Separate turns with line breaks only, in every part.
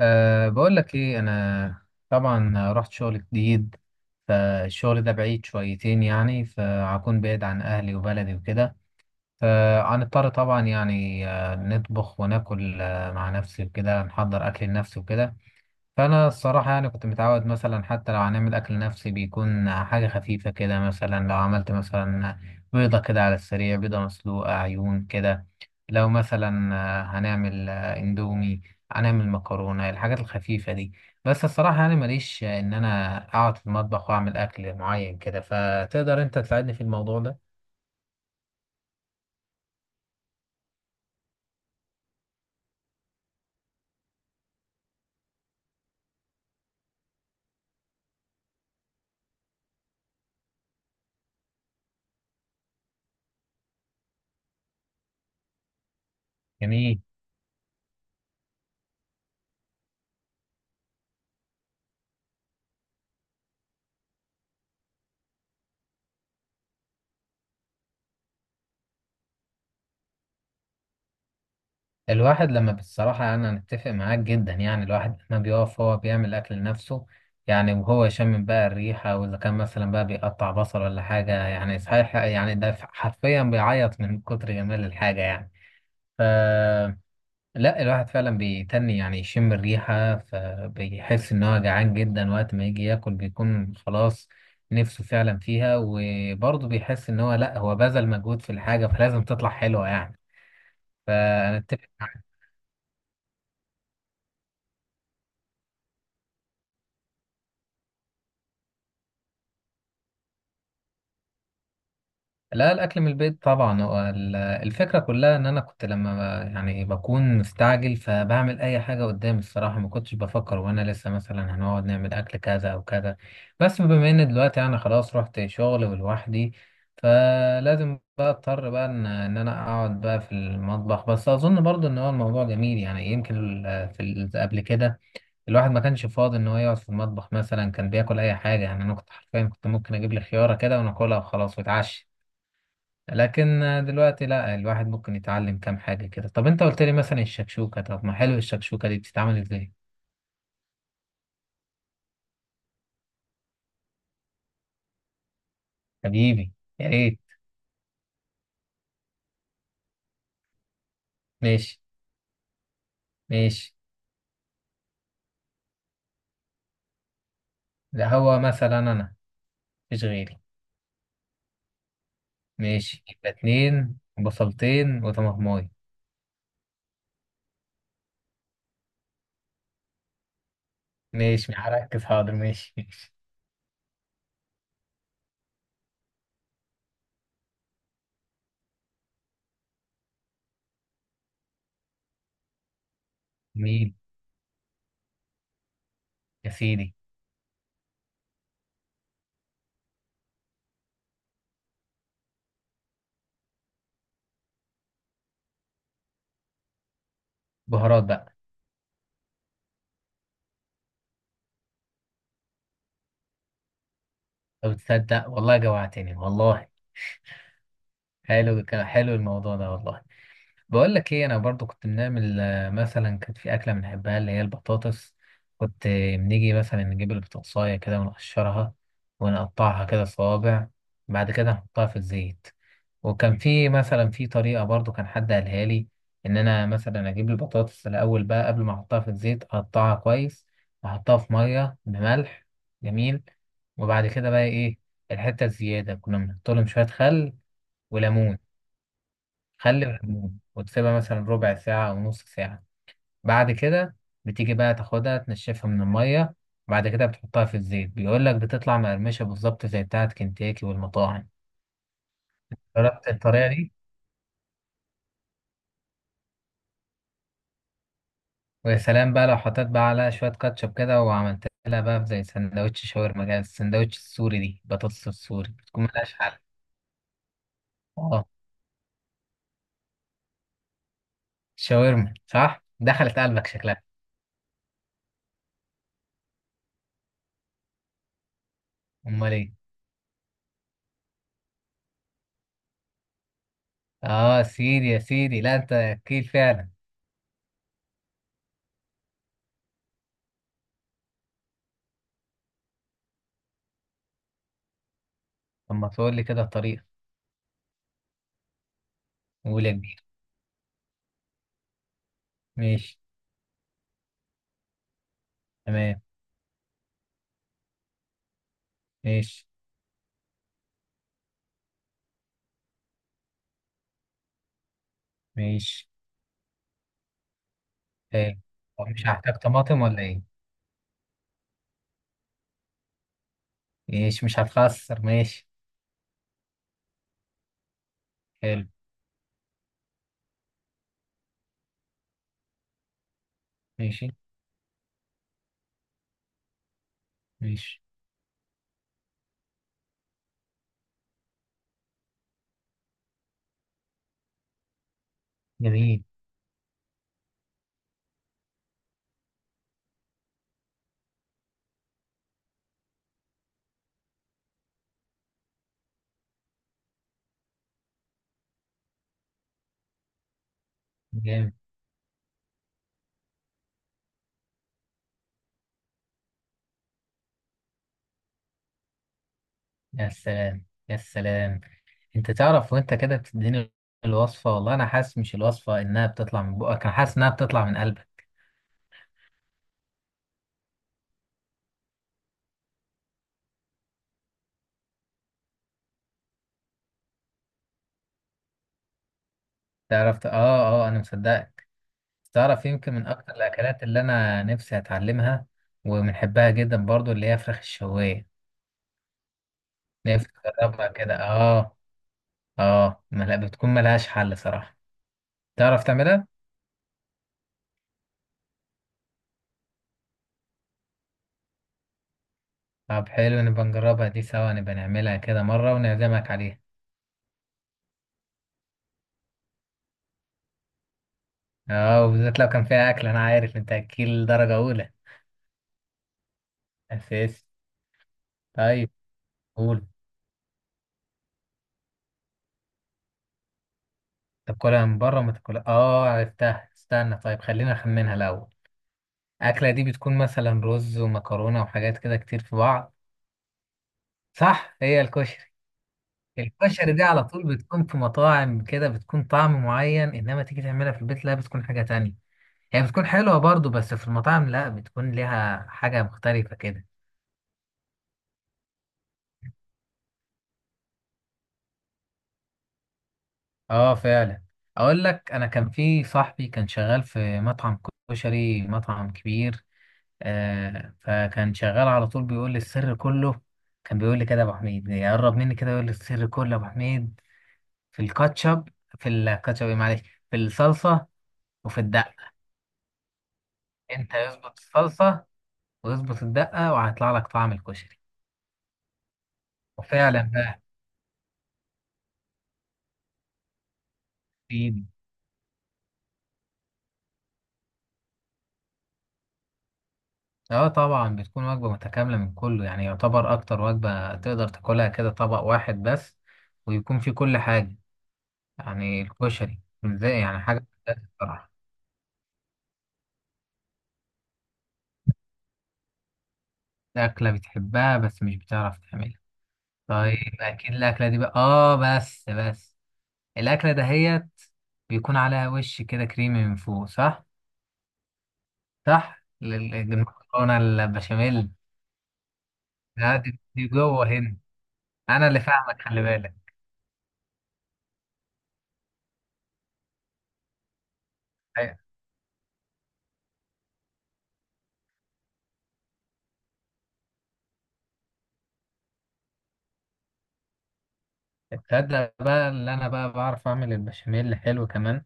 بقول لك ايه انا، طبعا رحت شغل جديد. فالشغل ده بعيد شويتين يعني، فهكون بعيد عن اهلي وبلدي وكده. فهنضطر طبعا يعني نطبخ وناكل مع نفسي وكده، نحضر اكل لنفسي وكده. فأنا الصراحة يعني كنت متعود مثلا حتى لو هنعمل أكل نفسي بيكون حاجة خفيفة كده. مثلا لو عملت مثلا بيضة كده على السريع، بيضة مسلوقة عيون كده. لو مثلا هنعمل اندومي، هنعمل مكرونة، الحاجات الخفيفة دي. بس الصراحة يعني ماليش إن أنا أقعد في المطبخ وأعمل أكل معين كده، فتقدر أنت تساعدني في الموضوع ده؟ جميل. الواحد لما، بصراحة أنا أتفق معاك جدا، يعني الواحد لما بيقف هو بيعمل أكل لنفسه يعني، وهو يشم بقى الريحة، وإذا كان مثلا بقى بيقطع بصل ولا حاجة يعني صحيح، يعني ده حرفيا بيعيط من كتر جمال الحاجة يعني. ف لا، الواحد فعلا بيتني يعني يشم الريحة، فبيحس إن هو جعان جدا، وقت ما يجي ياكل بيكون خلاص نفسه فعلا فيها، وبرضه بيحس إن هو، لا هو بذل مجهود في الحاجة فلازم تطلع حلوة يعني. فأنا أتفق. لا، الأكل من البيت طبعا. هو الفكرة كلها إن أنا كنت لما يعني بكون مستعجل، فبعمل أي حاجة قدامي الصراحة. ما كنتش بفكر وأنا لسه مثلا هنقعد نعمل أكل كذا أو كذا. بس بما إن دلوقتي أنا خلاص رحت شغل ولوحدي، فلازم بقى أضطر بقى إن أنا أقعد بقى في المطبخ. بس أظن برضو إن هو الموضوع جميل يعني، يمكن قبل كده الواحد ما كانش فاضي إن هو يقعد في المطبخ. مثلا كان بياكل أي حاجة يعني، أنا كنت حرفيا كنت ممكن أجيب لي خيارة كده وناكلها وخلاص وأتعشى. لكن دلوقتي لا، الواحد ممكن يتعلم كام حاجة كده. طب انت قلت لي مثلا الشكشوكة، طب ما حلو، الشكشوكة دي بتتعمل ازاي؟ حبيبي، يا ريت. ماشي ماشي. ده هو مثلا انا، مفيش غيري. ماشي، يبقى اتنين، بصلتين وطماطماية. ماشي هركز، حاضر، ماشي ماشي. جميل، يا سيدي. بهارات بقى. طب تصدق والله جوعتني والله. حلو الموضوع ده والله. بقول لك ايه، انا برضو كنت بنعمل مثلا كانت في اكله بنحبها اللي هي البطاطس. كنت بنيجي مثلا نجيب البطاطسايه كده ونقشرها، ونقطعها كده صوابع، بعد كده نحطها في الزيت. وكان في مثلا في طريقه برضو كان حد قالها لي، ان انا مثلا اجيب البطاطس الاول بقى قبل ما احطها في الزيت، اقطعها كويس واحطها في ميه بملح. جميل. وبعد كده بقى ايه، الحته الزياده كنا بنحط لهم شويه خل وليمون. خلي بالليمون، وتسيبها مثلا ربع ساعة أو نص ساعة. بعد كده بتيجي بقى تاخدها تنشفها من المية، بعد كده بتحطها في الزيت، بيقول لك بتطلع مقرمشة بالظبط زي بتاعة كنتاكي والمطاعم. جربت الطريقة دي، ويا سلام بقى لو حطيت بقى عليها شوية كاتشب كده، وعملت لها بقى زي سندوتش شاورما كده، السندوتش السوري دي، بطاطس السوري بتكون ملهاش حل. اه شاورما، صح، دخلت قلبك شكلها. امال ايه؟ اه سيدي يا سيدي، لا انت اكيد فعلا. طب ما تقول لي كده الطريقة. قول يا كبير. ماشي. تمام. ماشي ماشي. حلو. هو مش هحتاج طماطم ولا ايه؟ ماشي، مش هتخسر، ماشي. حلو. ماشي ماشي. جميل. جامد. يا سلام يا سلام. انت تعرف وانت كده بتديني الوصفة والله، انا حاسس مش الوصفة انها بتطلع من بقك، انا حاسس انها بتطلع من قلبك. تعرف ت- اه اه انا مصدقك. تعرف يمكن من اكتر الاكلات اللي انا نفسي اتعلمها وبنحبها جدا برضو، اللي هي فراخ الشواية. نفسي اجربها كده، اه. اه ملا بتكون ملهاش حل صراحة. تعرف تعملها؟ طب حلو، نبقى نجربها دي سوا، نبقى نعملها كده مرة ونعزمك عليها. اه وبالذات لو كان فيها أكل، أنا عارف أنت أكيل درجة أولى. أساسي. طيب. قول تاكلها من بره ما تاكلها. اه عرفتها، استنى طيب، خلينا نخمنها الأول. الأكلة دي بتكون مثلا رز ومكرونة وحاجات كده كتير في بعض. صح، هي الكشري. الكشري دي على طول بتكون في مطاعم كده، بتكون طعم معين، إنما تيجي تعملها في البيت لا، بتكون حاجة تانية. هي بتكون حلوة برضو، بس في المطاعم لا، بتكون ليها حاجة مختلفة كده. اه فعلا. اقول لك، انا كان في صاحبي كان شغال في مطعم كشري، مطعم كبير. آه فكان شغال على طول بيقول لي السر كله. كان بيقول لي كده يا ابو حميد، يقرب مني كده، يقول لي السر كله يا ابو حميد، في الكاتشب، في الكاتشب إيه معلش، في الصلصة وفي الدقة. انت يظبط الصلصة ويظبط الدقة، وهيطلع لك طعم الكشري. وفعلا بقى. في. اه طبعا بتكون وجبة متكاملة من كله، يعني يعتبر أكتر وجبة تقدر تاكلها كده طبق واحد بس، ويكون فيه كل حاجة. يعني الكشري ازاي، يعني حاجة. بصراحة. أكلة بتحبها بس مش بتعرف تعملها. طيب أكيد الأكلة دي بقى، اه بس بس. الأكلة دهيت بيكون عليها وش كده كريمي من فوق، صح؟ صح؟ المكرونة البشاميل. لا، دي جوه هنا. أنا اللي فاهمك، خلي بالك. تصدق بقى اللي انا بقى بعرف اعمل البشاميل حلو كمان.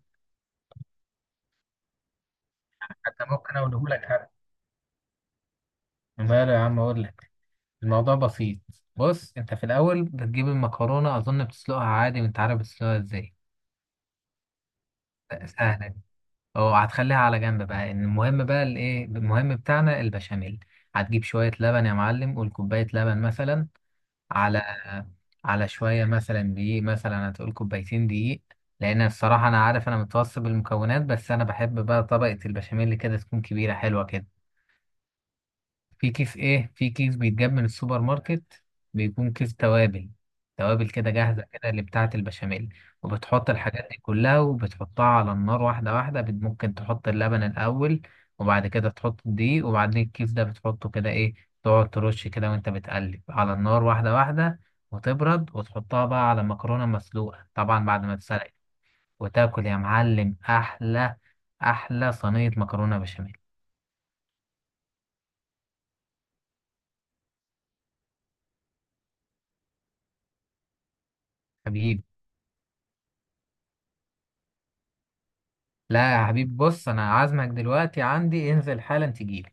حتى ممكن اقوله لك حتى، ماله يا عم اقول لك، الموضوع بسيط. بص، انت في الاول بتجيب المكرونه، اظن بتسلقها عادي وانت عارف بتسلقها ازاي، سهله دي. اه هتخليها على جنب بقى، إن المهم بقى الايه، المهم بتاعنا البشاميل. هتجيب شويه لبن يا معلم، قول كوبايه لبن مثلا، على على شوية مثلا دقيق، مثلا هتقول كوبايتين دقيق. لأن الصراحة أنا عارف أنا متوسط بالمكونات، بس أنا بحب بقى طبقة البشاميل كده تكون كبيرة حلوة كده. في كيس ايه، في كيس بيتجاب من السوبر ماركت، بيكون كيس توابل، توابل كده جاهزة كده اللي بتاعة البشاميل. وبتحط الحاجات دي كلها وبتحطها على النار واحدة واحدة، ممكن تحط اللبن الأول، وبعد كده تحط الدقيق، وبعدين الكيس ده بتحطه كده ايه، تقعد ترش كده وانت بتقلب على النار واحدة واحدة. وتبرد وتحطها بقى على مكرونة مسلوقة طبعا بعد ما تسلقت، وتاكل يا معلم أحلى أحلى صينية مكرونة بشاميل. حبيبي، لا يا حبيب، بص انا عازمك دلوقتي عندي، انزل حالا تجيلي.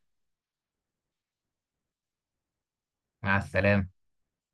مع السلامة.